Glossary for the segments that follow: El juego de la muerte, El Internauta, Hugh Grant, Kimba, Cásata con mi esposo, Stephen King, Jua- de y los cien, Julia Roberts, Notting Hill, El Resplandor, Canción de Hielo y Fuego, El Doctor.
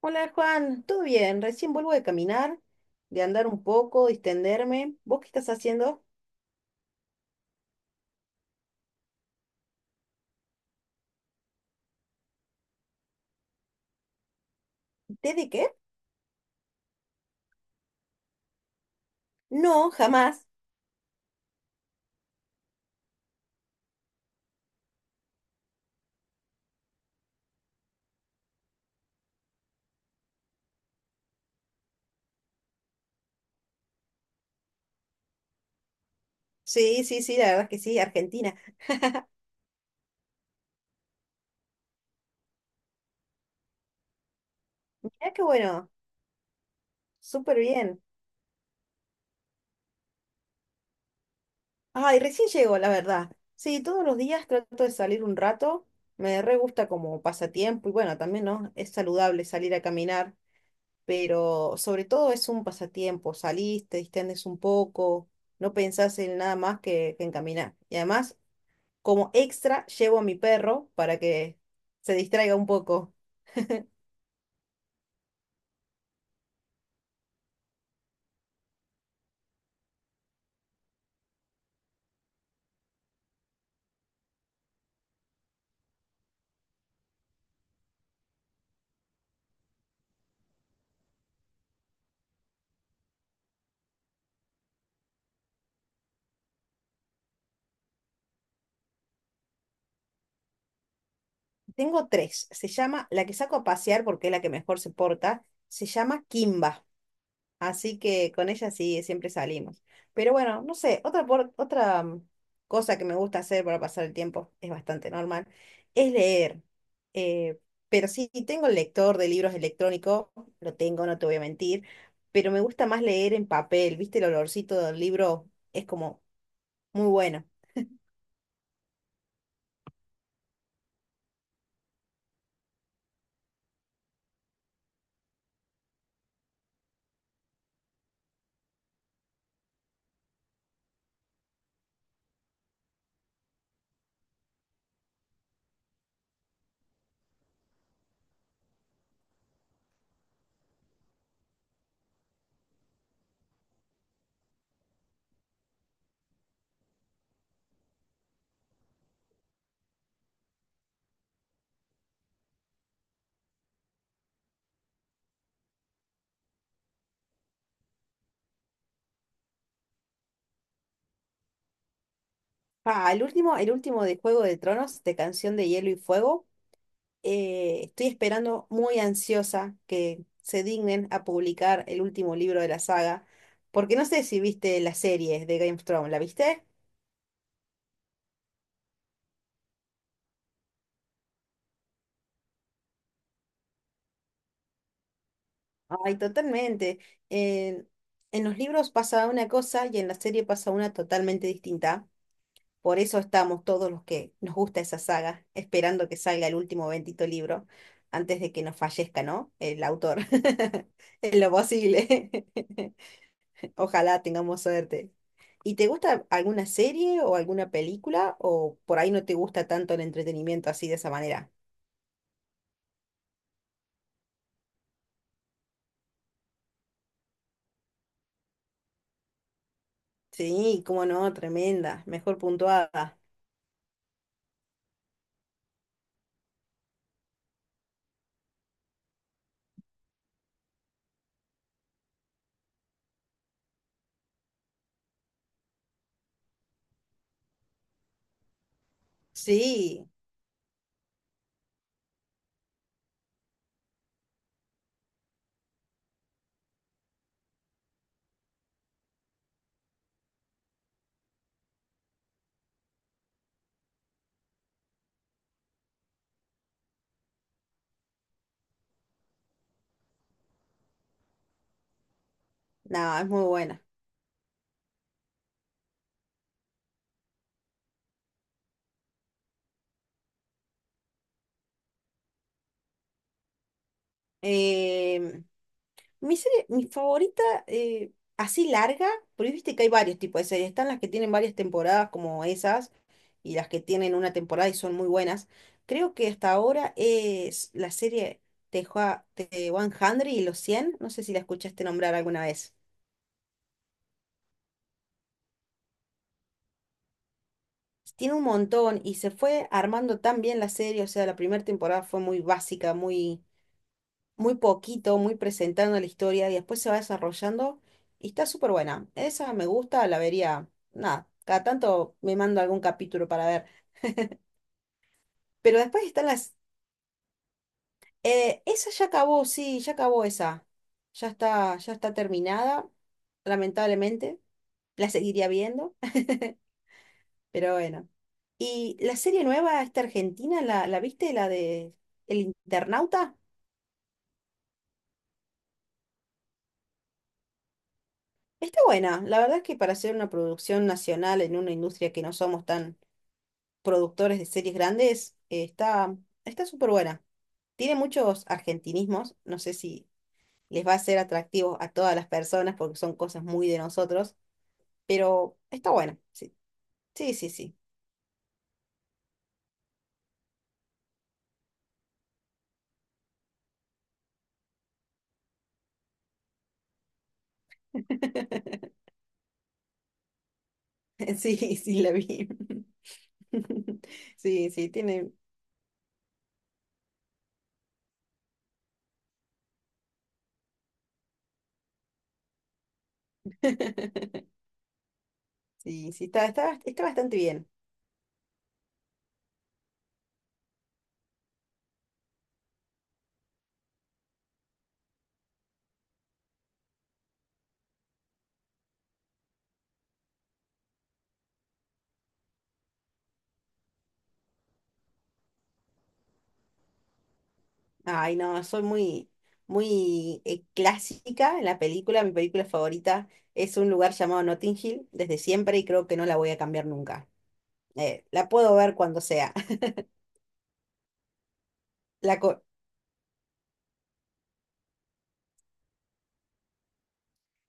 Hola Juan, ¿todo bien? Recién vuelvo de caminar, de andar un poco, distenderme. ¿Vos qué estás haciendo? ¿Té de qué? No, jamás. Sí, sí, sí, la verdad es que sí, Argentina. Mirá qué bueno, súper bien. Ay, recién llego, la verdad. Sí, todos los días trato de salir un rato. Me re gusta como pasatiempo y bueno, también, ¿no? Es saludable salir a caminar, pero sobre todo es un pasatiempo. Salís, te distendes un poco, no pensás en nada más que en caminar. Y además como extra, llevo a mi perro para que se distraiga un poco. Tengo tres. Se llama, la que saco a pasear porque es la que mejor se porta, se llama Kimba. Así que con ella sí, siempre salimos. Pero bueno, no sé, otra cosa que me gusta hacer para pasar el tiempo, es bastante normal, es leer. Eh, pero sí, tengo el lector de libros electrónico, lo tengo, no te voy a mentir, pero me gusta más leer en papel, ¿viste? El olorcito del libro es como muy bueno. Ah, el último de Juego de Tronos, de Canción de Hielo y Fuego. Estoy esperando muy ansiosa que se dignen a publicar el último libro de la saga, porque no sé si viste la serie de Game of Thrones, ¿la viste? Ay, totalmente. En en los libros pasa una cosa y en la serie pasa una totalmente distinta. Por eso estamos todos los que nos gusta esa saga, esperando que salga el último bendito libro antes de que nos fallezca, ¿no? El autor. En lo posible. Ojalá tengamos suerte. ¿Y te gusta alguna serie o alguna película? ¿O por ahí no te gusta tanto el entretenimiento así de esa manera? Sí, cómo no, tremenda. Mejor puntuada. Sí, nada, es muy buena. Em, Mi serie, mi favorita, así larga, porque viste que hay varios tipos de series. Están las que tienen varias temporadas como esas y las que tienen una temporada y son muy buenas. Creo que hasta ahora es la serie de y los 100. No sé si la escuchaste nombrar alguna vez. Tiene un montón y se fue armando tan bien la serie. O sea, la primera temporada fue muy básica, muy muy poquito, muy presentando la historia y después se va desarrollando y está súper buena. Esa me gusta, la vería, nada, cada tanto me mando algún capítulo para ver. Pero después están las esa ya acabó, sí, ya acabó esa. Ya está terminada, lamentablemente. La seguiría viendo, pero bueno. Y la serie nueva, esta argentina, ¿la viste? La de El Internauta. Está buena. La verdad es que para hacer una producción nacional en una industria que no somos tan productores de series grandes, está, está súper buena. Tiene muchos argentinismos, no sé si les va a ser atractivo a todas las personas porque son cosas muy de nosotros, pero está buena. Sí, sí, sí. Sí, sí, sí la vi. Sí, sí, tiene. Sí, sí, está, está, está bastante bien. Ay, no, soy muy, muy clásica en la película. Mi película favorita es un lugar llamado Notting Hill desde siempre y creo que no la voy a cambiar nunca. La puedo ver cuando sea. La co-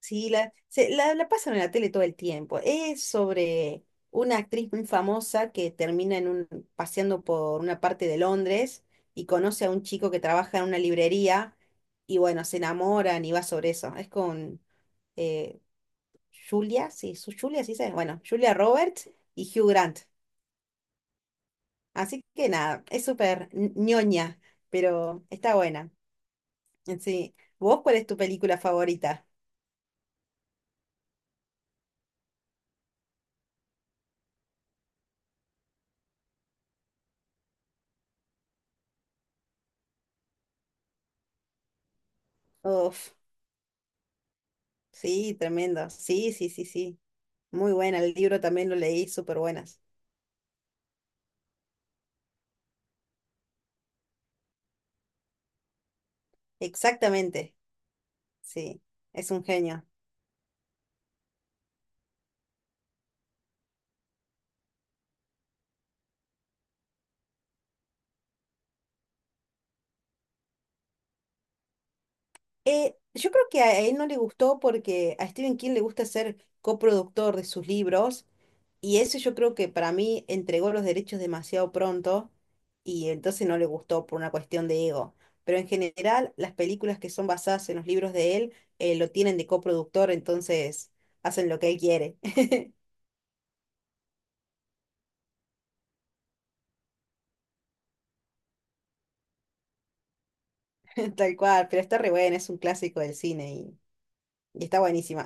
sí, la pasan en la tele todo el tiempo. Es sobre una actriz muy famosa que termina en un, paseando por una parte de Londres y conoce a un chico que trabaja en una librería y bueno, se enamoran y va sobre eso. Es con eh, Julia, sí, su Julia, sí se, bueno, Julia Roberts y Hugh Grant. Así que nada, es súper ñoña, pero está buena. Sí. ¿Vos cuál es tu película favorita? Uf, sí, tremendo. Sí, sí, sí, sí. Muy buena, el libro también lo leí, súper buenas. Exactamente, sí, es un genio. Yo creo que a él no le gustó porque a Stephen King le gusta ser coproductor de sus libros y eso yo creo que para mí entregó los derechos demasiado pronto y entonces no le gustó por una cuestión de ego. Pero en general las películas que son basadas en los libros de él lo tienen de coproductor, entonces hacen lo que él quiere, tal cual, pero está re bueno, es un clásico del cine y está buenísima.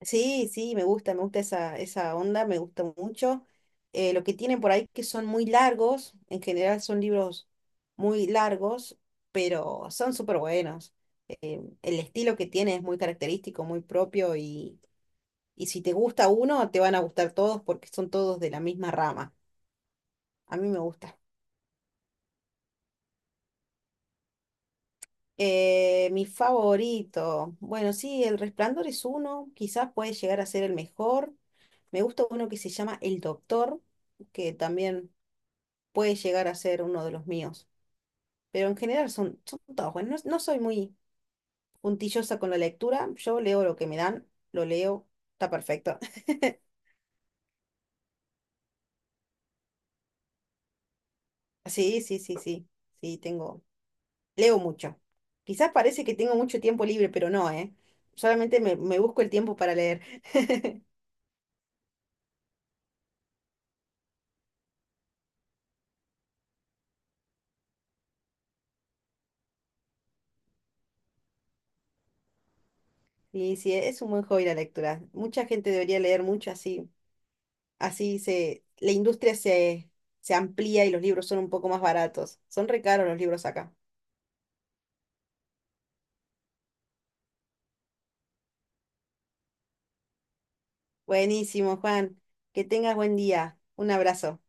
Sí, sí, me gusta esa, esa onda, me gusta mucho. Lo que tienen por ahí que son muy largos, en general son libros muy largos, pero son súper buenos. El estilo que tiene es muy característico, muy propio y si te gusta uno, te van a gustar todos porque son todos de la misma rama. A mí me gusta. Mi favorito, bueno, sí, El Resplandor es uno, quizás puede llegar a ser el mejor. Me gusta uno que se llama El Doctor que también puede llegar a ser uno de los míos. Pero en general son, son todos buenos. No, no soy muy puntillosa con la lectura. Yo leo lo que me dan, lo leo, está perfecto. Sí, sí, sí, sí. Sí, tengo. Leo mucho. Quizás parece que tengo mucho tiempo libre, pero no, ¿eh? Solamente me busco el tiempo para leer. Y sí, es un buen hobby la lectura. Mucha gente debería leer mucho así. La industria se amplía y los libros son un poco más baratos. Son re caros los libros acá. Buenísimo, Juan. Que tengas buen día. Un abrazo.